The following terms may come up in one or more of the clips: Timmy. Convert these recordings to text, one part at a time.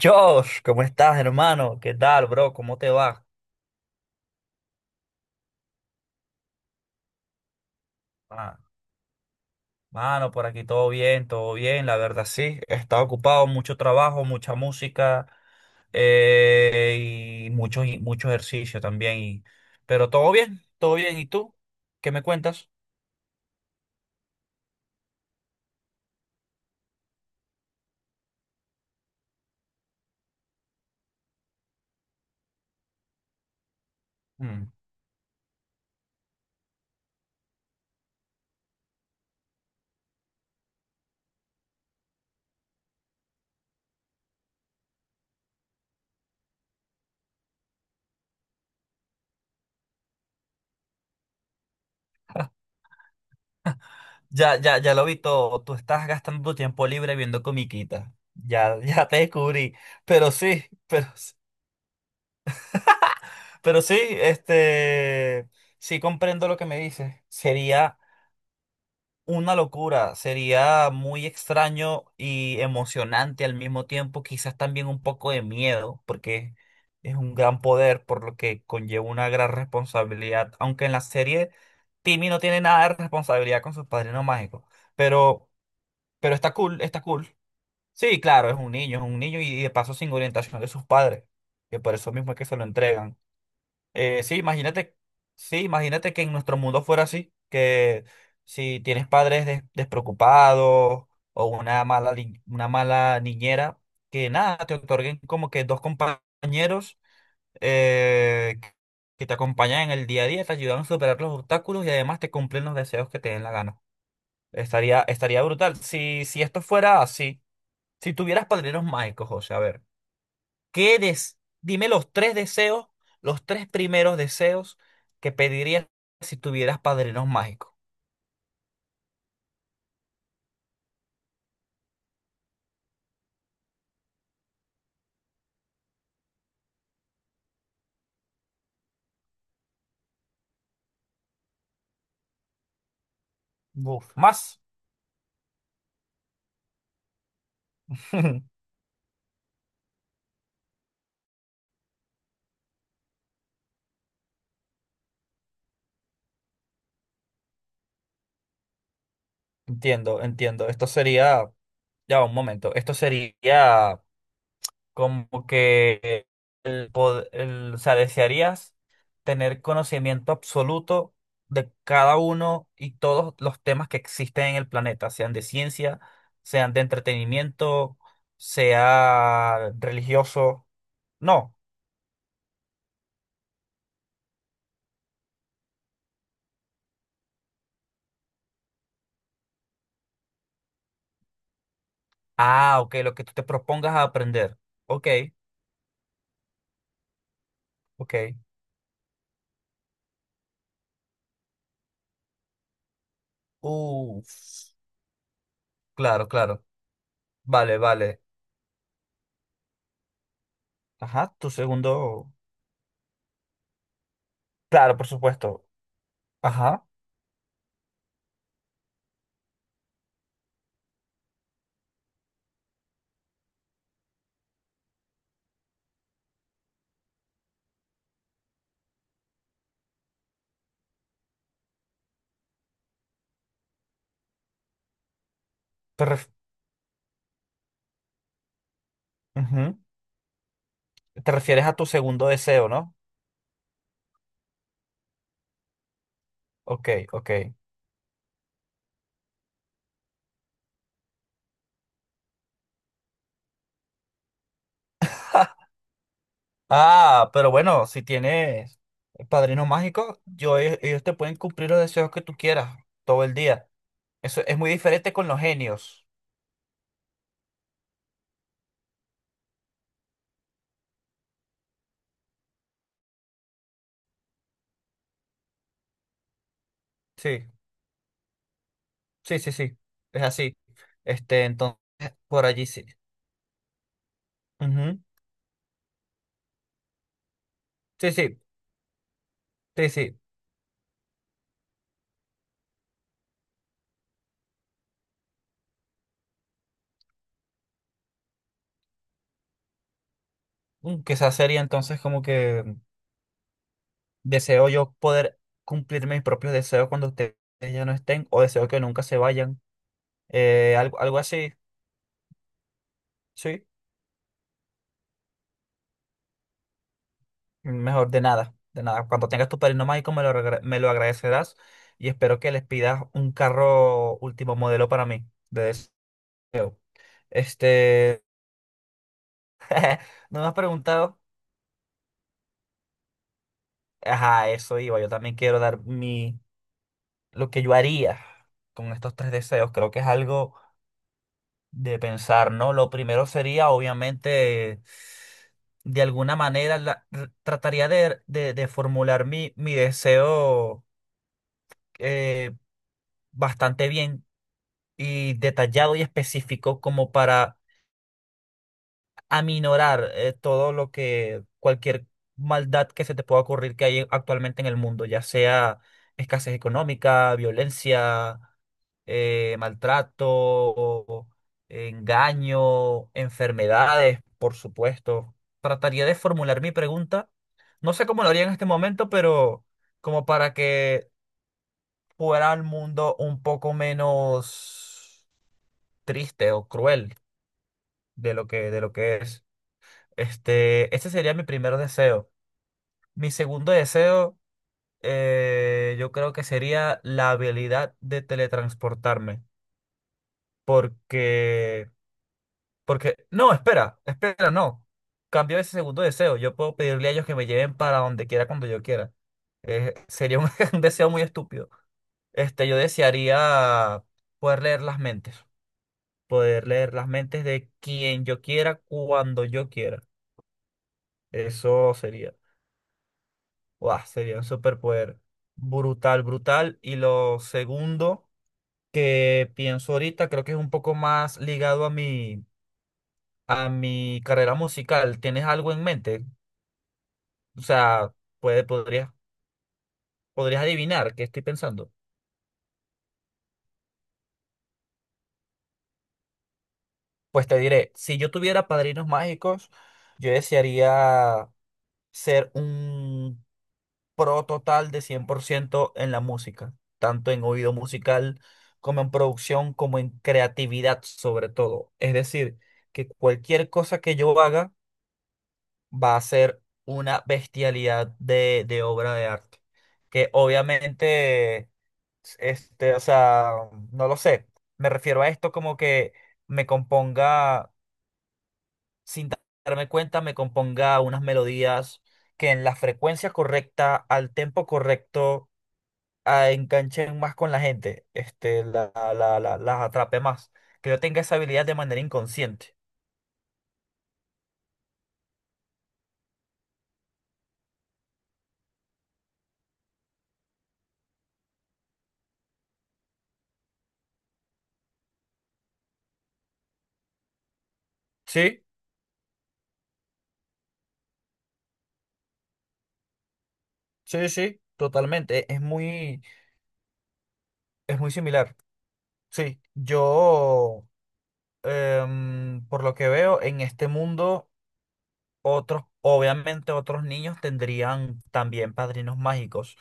Josh, ¿cómo estás, hermano? ¿Qué tal, bro? ¿Cómo te va? Ah, mano, por aquí todo bien, la verdad sí. He estado ocupado, mucho trabajo, mucha música y mucho ejercicio también. Pero todo bien, todo bien. ¿Y tú? ¿Qué me cuentas? Mm. Ya, ya, ya lo vi todo. Tú estás gastando tu tiempo libre viendo comiquitas. Ya, ya te descubrí. Pero sí, pero sí, sí comprendo lo que me dices. Sería una locura, sería muy extraño y emocionante al mismo tiempo, quizás también un poco de miedo, porque es un gran poder, por lo que conlleva una gran responsabilidad, aunque en la serie Timmy no tiene nada de responsabilidad con sus padrinos mágicos, pero, pero está cool, está cool. Sí, claro, es un niño y de paso sin orientación de sus padres, que por eso mismo es que se lo entregan. Sí, imagínate, sí, imagínate que en nuestro mundo fuera así, que si tienes padres despreocupados o una mala, una mala niñera, que nada, te otorguen como que dos compañeros eh, que te acompañan en el día a día, te ayudan a superar los obstáculos y además te cumplen los deseos que te den la gana. Estaría, estaría brutal. Si, si esto fuera así, si tuvieras padrinos mágicos, José, a ver. ¿Qué des- Dime los tres deseos, los tres primeros deseos que pedirías si tuvieras padrinos mágicos. Buf. Más. Entiendo, entiendo. Esto sería, ya va, un momento, esto sería como que o sea, desearías tener conocimiento absoluto de cada uno y todos los temas que existen en el planeta, sean de ciencia, sean de entretenimiento, sea religioso. No. Ah, ok, lo que tú te propongas a aprender. Ok, ok. Uf, claro, claro. Vale, vale. Ajá, tu segundo. Claro, por supuesto. Ajá. Te ref- ujú. Te refieres a tu segundo deseo, ¿no? Ok, ok. Ah, pero bueno, si tienes padrino mágico, yo, ellos te pueden cumplir los deseos que tú quieras todo el día. Eso es muy diferente con los genios. Sí, sí, sí, sí. Es así. Entonces, por allí sí. Sí, sí, sí, sí. Mm, quizás sería entonces como que deseo yo poder cumplir mis propios deseos cuando ustedes ya no estén o deseo que nunca se vayan. Algo, algo así, sí. Mejor de nada, de nada. Cuando tengas tu padrino mágico me lo, me lo agradecerás y espero que les pidas un carro último modelo para mí de deseo. Este, no me has preguntado. Ajá, eso iba. Yo también quiero dar mi, lo que yo haría con estos tres deseos. Creo que es algo de pensar, ¿no? Lo primero sería, obviamente, de alguna manera, trataría de, de formular mi, mi deseo eh, bastante bien y detallado y específico como para aminorar todo lo que, cualquier maldad que se te pueda ocurrir que hay actualmente en el mundo, ya sea escasez económica, violencia. Maltrato, engaño, enfermedades, por supuesto. Trataría de formular mi pregunta. No sé cómo lo haría en este momento, pero como para que fuera el mundo un poco menos triste o cruel de lo que es. Este sería mi primer deseo. Mi segundo deseo, yo creo que sería la habilidad de teletransportarme, porque porque, no, espera, espera, no. Cambió ese segundo deseo. Yo puedo pedirle a ellos que me lleven para donde quiera cuando yo quiera. Sería un, un deseo muy estúpido. Este, yo desearía poder leer las mentes. Poder leer las mentes de quien yo quiera, cuando yo quiera. Eso sería. Guau, sería un superpoder brutal, brutal. Y lo segundo que pienso ahorita, creo que es un poco más ligado a mi carrera musical. ¿Tienes algo en mente? O sea, puede, podrías, podrías adivinar qué estoy pensando. Pues te diré, si yo tuviera padrinos mágicos, yo desearía ser un pro total de 100% en la música, tanto en oído musical como en producción, como en creatividad sobre todo. Es decir, que cualquier cosa que yo haga va a ser una bestialidad de obra de arte, que obviamente este, o sea, no lo sé. Me refiero a esto como que me componga, sin darme cuenta, me componga unas melodías que en la frecuencia correcta, al tempo correcto, enganchen más con la gente. Este, la, las atrape más. Que yo tenga esa habilidad de manera inconsciente. Sí, sí, sí, totalmente. Es muy similar. Sí, yo, por lo que veo, en este mundo. Otros, obviamente otros niños tendrían también padrinos mágicos.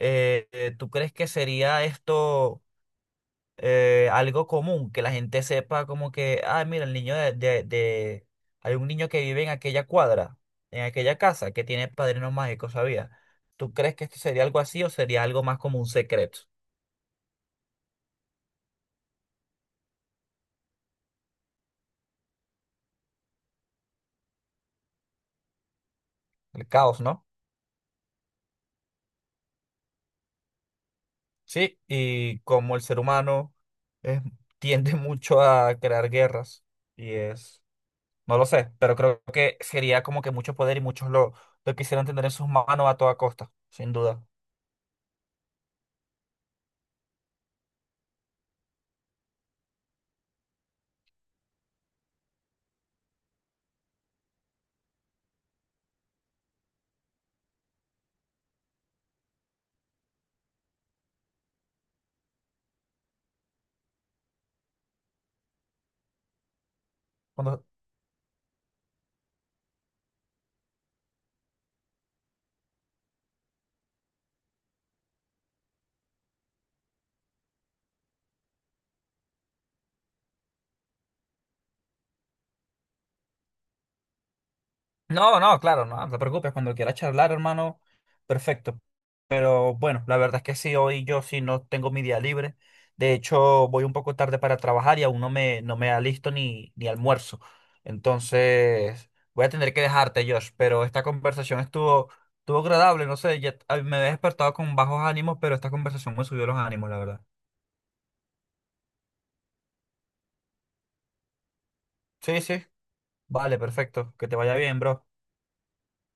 ¿Tú crees que sería esto algo común? Que la gente sepa como que, ah, mira, el niño de- hay un niño que vive en aquella cuadra, en aquella casa, que tiene padrinos mágicos, ¿sabía? ¿Tú crees que esto sería algo así o sería algo más como un secreto? El caos, ¿no? Sí, y como el ser humano es- tiende mucho a crear guerras y es... No lo sé, pero creo que sería como que mucho poder y muchos lo quisieran tener en sus manos a toda costa, sin duda. Cuando... No, no, claro, no, no te preocupes, cuando quieras charlar, hermano, perfecto. Pero bueno, la verdad es que sí, hoy yo sí no tengo mi día libre. De hecho, voy un poco tarde para trabajar y aún no me, no me alisto ni, ni almuerzo. Entonces, voy a tener que dejarte, Josh, pero esta conversación estuvo, estuvo agradable, no sé, me he despertado con bajos ánimos, pero esta conversación me subió los ánimos, la verdad. Sí, sí. Vale, perfecto. Que te vaya bien, bro.